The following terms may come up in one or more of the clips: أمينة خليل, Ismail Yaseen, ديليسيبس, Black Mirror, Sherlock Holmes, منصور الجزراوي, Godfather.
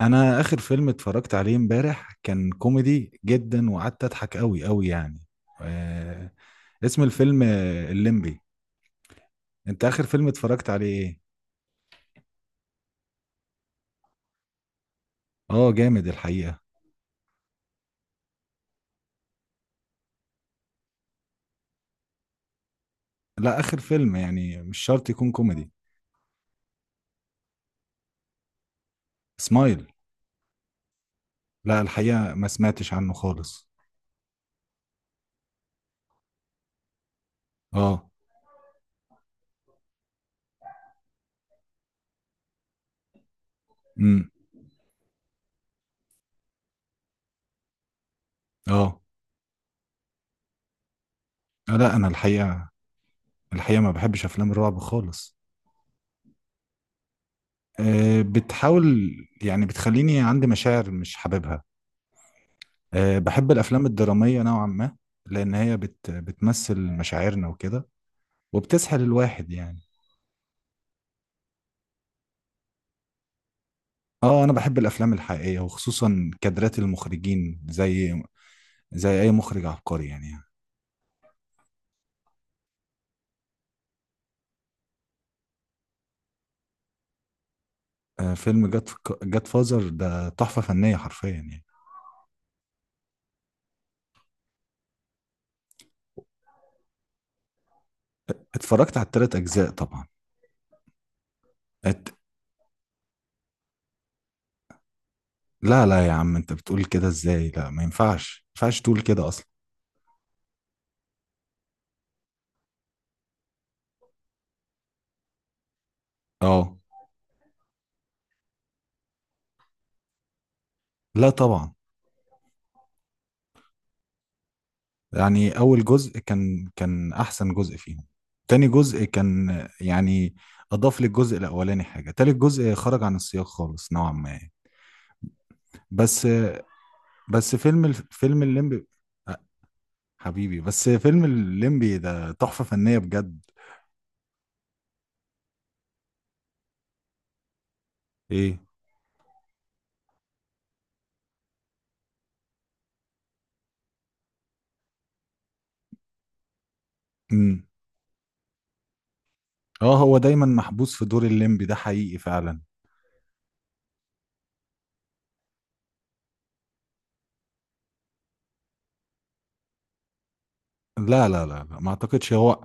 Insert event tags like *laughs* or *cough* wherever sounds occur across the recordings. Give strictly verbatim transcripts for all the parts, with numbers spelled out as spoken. انا اخر فيلم اتفرجت عليه امبارح كان كوميدي جدا، وقعدت اضحك قوي قوي يعني. آه. اسم الفيلم آه، الليمبي. انت اخر فيلم اتفرجت عليه ايه؟ اه جامد الحقيقة. لا، اخر فيلم يعني مش شرط يكون كوميدي. سمايل. لا، الحقيقة ما سمعتش عنه خالص. اه. امم. اه. آه، لا انا الحقيقة، الحقيقة ما بحبش افلام الرعب خالص. آه، بتحاول. يعني بتخليني عندي مشاعر مش حاببها. أه، بحب الأفلام الدرامية نوعا ما. لأن هي بت بتمثل مشاعرنا وكده، وبتسحل الواحد يعني. اه، أنا بحب الأفلام الحقيقية، وخصوصا كادرات المخرجين زي زي أي مخرج عبقري يعني. أه، فيلم جاد جاد فازر ده تحفة فنية حرفيا يعني. اتفرجت على التلات أجزاء طبعا. ات... لا لا يا عم، أنت بتقول كده إزاي؟ لا، ما ينفعش ما ينفعش تقول كده أصلا. اه، لا طبعا. يعني أول جزء كان كان أحسن جزء فيهم. تاني جزء كان. يعني أضاف للجزء الأولاني حاجة. تالت جزء خرج عن السياق خالص نوعا ما يعني. بس بس فيلم الف- فيلم الليمبي. أه، حبيبي، بس فيلم الليمبي ده تحفة فنية بجد. إيه؟ امم. اه، هو دايما محبوس في دور الليمبي ده، حقيقي فعلا. لا لا لا لا، ما أعتقدش هو.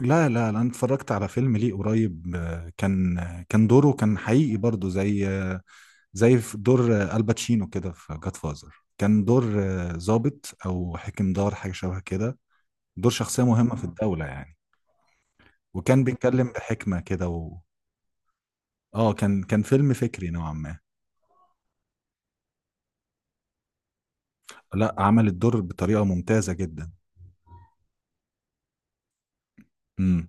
لا لا لا، أنا اتفرجت على فيلم ليه قريب، آه، كان كان دوره كان حقيقي برضه، زي زي في دور آه، الباتشينو كده في جاد فازر. كان دور آه، ضابط او حاكم دار، حاجه شبه كده. دور شخصيه مهمه في الدوله يعني. وكان بيتكلم بحكمه كده و... اه، كان كان فيلم فكري نوعا ما. لا، عمل الدور بطريقه ممتازه جدا. امم.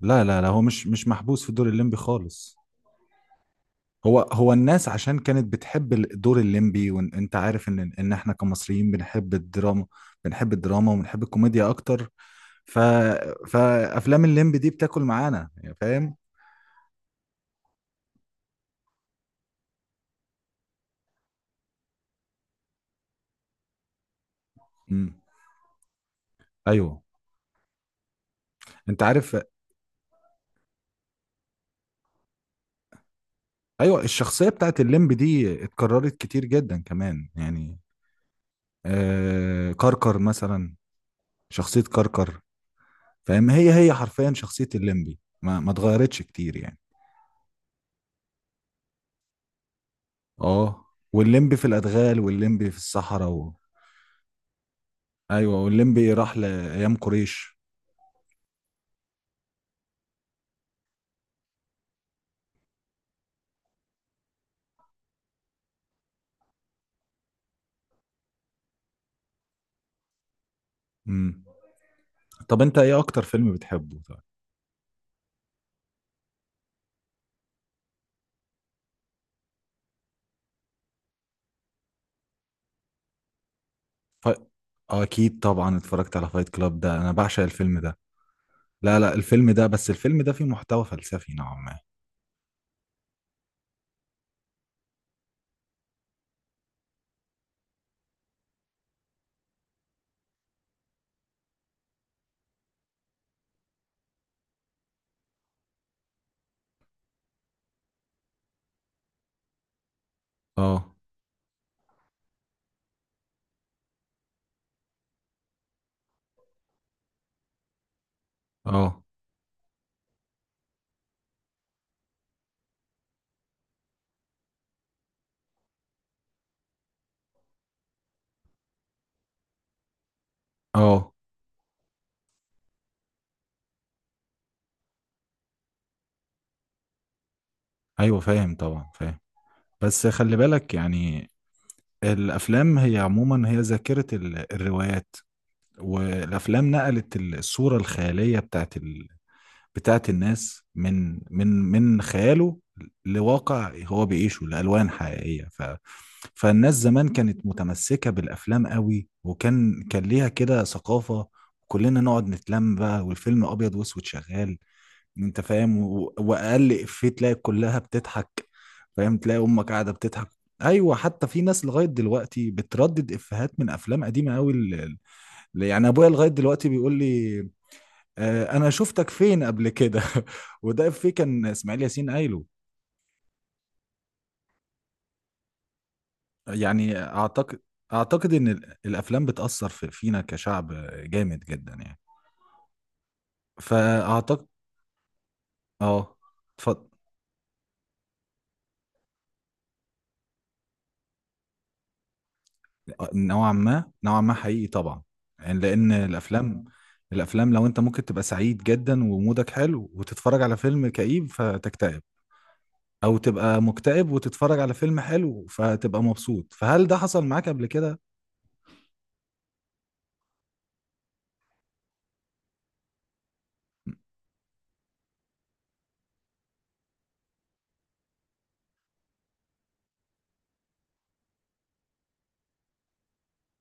لا لا لا، هو مش مش محبوس في دور الليمبي خالص. هو هو الناس عشان كانت بتحب ال- دور الليمبي، وانت عارف ان ان احنا كمصريين بنحب الدراما. بنحب الدراما وبنحب الكوميديا اكتر. ف... فافلام الليمبي دي بتاكل معانا يعني، فاهم. امم. ايوه. انت عارف. ايوه، الشخصيه بتاعت الليمبي دي اتكررت كتير جدا كمان يعني. آه... كركر مثلا. شخصيه كركر. فاهم، هي هي حرفيا شخصيه الليمبي ما ما اتغيرتش كتير يعني. اه، والليمبي في الادغال والليمبي في الصحراء و... ايوه، والليمبي راح لايام قريش. امم. طب انت ايه اكتر فيلم بتحبه؟ طيب. ف... آه، اكيد طبعا اتفرجت على فايت كلاب. ده انا بعشق الفيلم ده. لا لا، الفيلم ده بس الفيلم ده فيه محتوى فلسفي نوعا ما. اه اه اه. ايوه فاهم طبعا، فاهم. بس خلي بالك يعني. الافلام هي عموما هي ذاكرة ال- الروايات. والافلام نقلت الصورة الخيالية بتاعت ال- بتاعت الناس من من من خياله، لواقع هو بيعيشه، لألوان حقيقية. ف فالناس زمان كانت متمسكة بالأفلام قوي، وكان كان ليها كده ثقافة. كلنا نقعد نتلم بقى والفيلم أبيض وأسود شغال. أنت فاهم، و- وأقل إفيه تلاقي كلها بتضحك. فاهم، تلاقي أمك قاعدة بتضحك. أيوة، حتى في ناس لغاية دلوقتي بتردد إفيهات من أفلام قديمة قوي. ال- ال- يعني أبويا لغاية دلوقتي بيقول لي: آه، انا شفتك فين قبل كده. *laughs* وده في كان اسماعيل ياسين قايله. يعني اعتقد اعتقد ان ال- الافلام بتاثر في فينا كشعب، جامد جدا يعني. فاعتقد. اه، اتفضل. آه، نوعا ما، نوعا ما، حقيقي طبعا. يعني لان الافلام الافلام لو انت ممكن تبقى سعيد جدا ومودك حلو وتتفرج على فيلم كئيب فتكتئب، او تبقى مكتئب وتتفرج على فيلم حلو فتبقى مبسوط. فهل ده حصل معاك قبل كده؟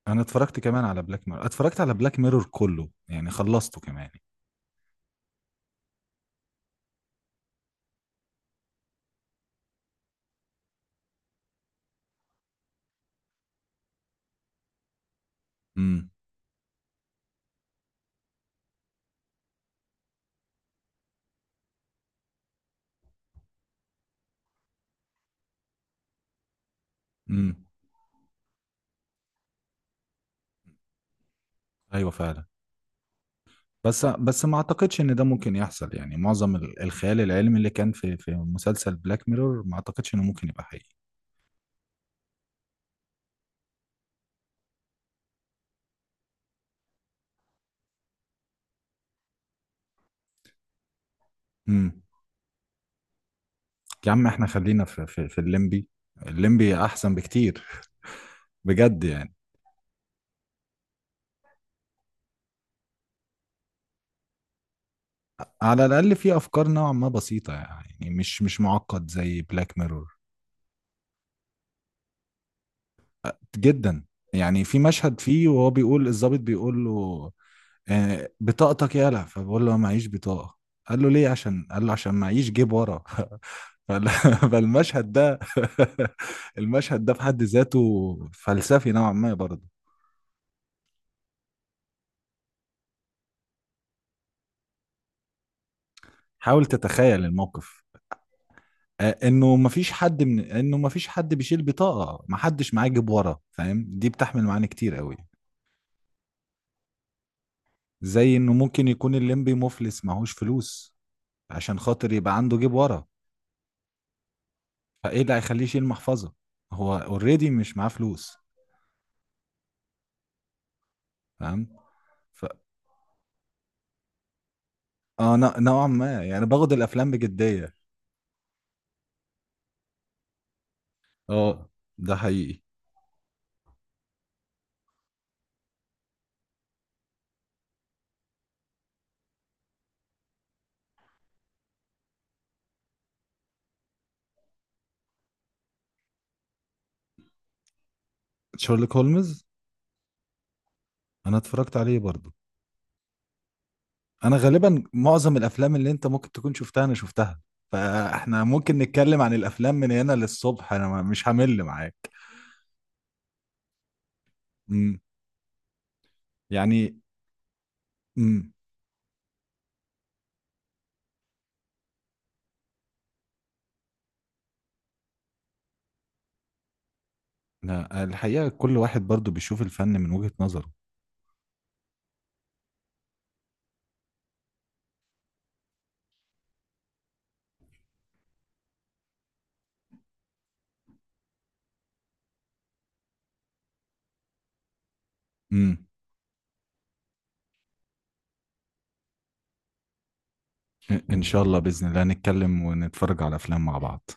انا اتفرجت كمان على بلاك ميرور. اتفرجت على بلاك ميرور كله، يعني خلصته كمان. امم. امم. ايوه فعلا. بس بس ما اعتقدش ان ده ممكن يحصل. يعني معظم ال- الخيال العلمي اللي كان في في مسلسل بلاك ميرور ما اعتقدش انه ممكن يبقى حقيقي. امم. يا عم احنا خلينا في في, في الليمبي. الليمبي احسن بكتير، بجد يعني. على الاقل في افكار نوعا ما بسيطة يعني، مش مش معقد زي بلاك ميرور. جدا يعني. في مشهد فيه وهو بيقول، الضابط بيقول له: آه، بطاقتك يالا، فبقول له معيش بطاقة. قال له ليه؟ عشان قال له عشان معيش جيب ورا. *laughs* فال- فالمشهد ده، *laughs* المشهد ده في حد ذاته فلسفي نوعا ما برضه. حاول تتخيل الموقف. آه، انه مفيش حد من انه مفيش حد بيشيل بطاقة، محدش معاه جيب ورا، فاهم. دي بتحمل معانا كتير قوي. زي انه ممكن يكون الليمبي مفلس معهوش فلوس، عشان خاطر يبقى عنده جيب ورا. فايه اللي هيخليه يشيل محفظة، هو اوريدي مش معاه فلوس؟ فاهم. ف... اه، ن- نوعا ما يعني باخد الافلام بجديه. اه، ده حقيقي. شارلوك هولمز. انا اتفرجت عليه برضو. انا غالبا معظم الافلام اللي انت ممكن تكون شفتها انا شفتها. فاحنا ممكن نتكلم عن الافلام من هنا للصبح. انا ما- مش همل معاك. امم. يعني. امم. لا، الحقيقه كل واحد برضو بيشوف الفن من وجهة نظره. امم. ان شاء الله، باذن الله نتكلم ونتفرج على افلام مع بعض.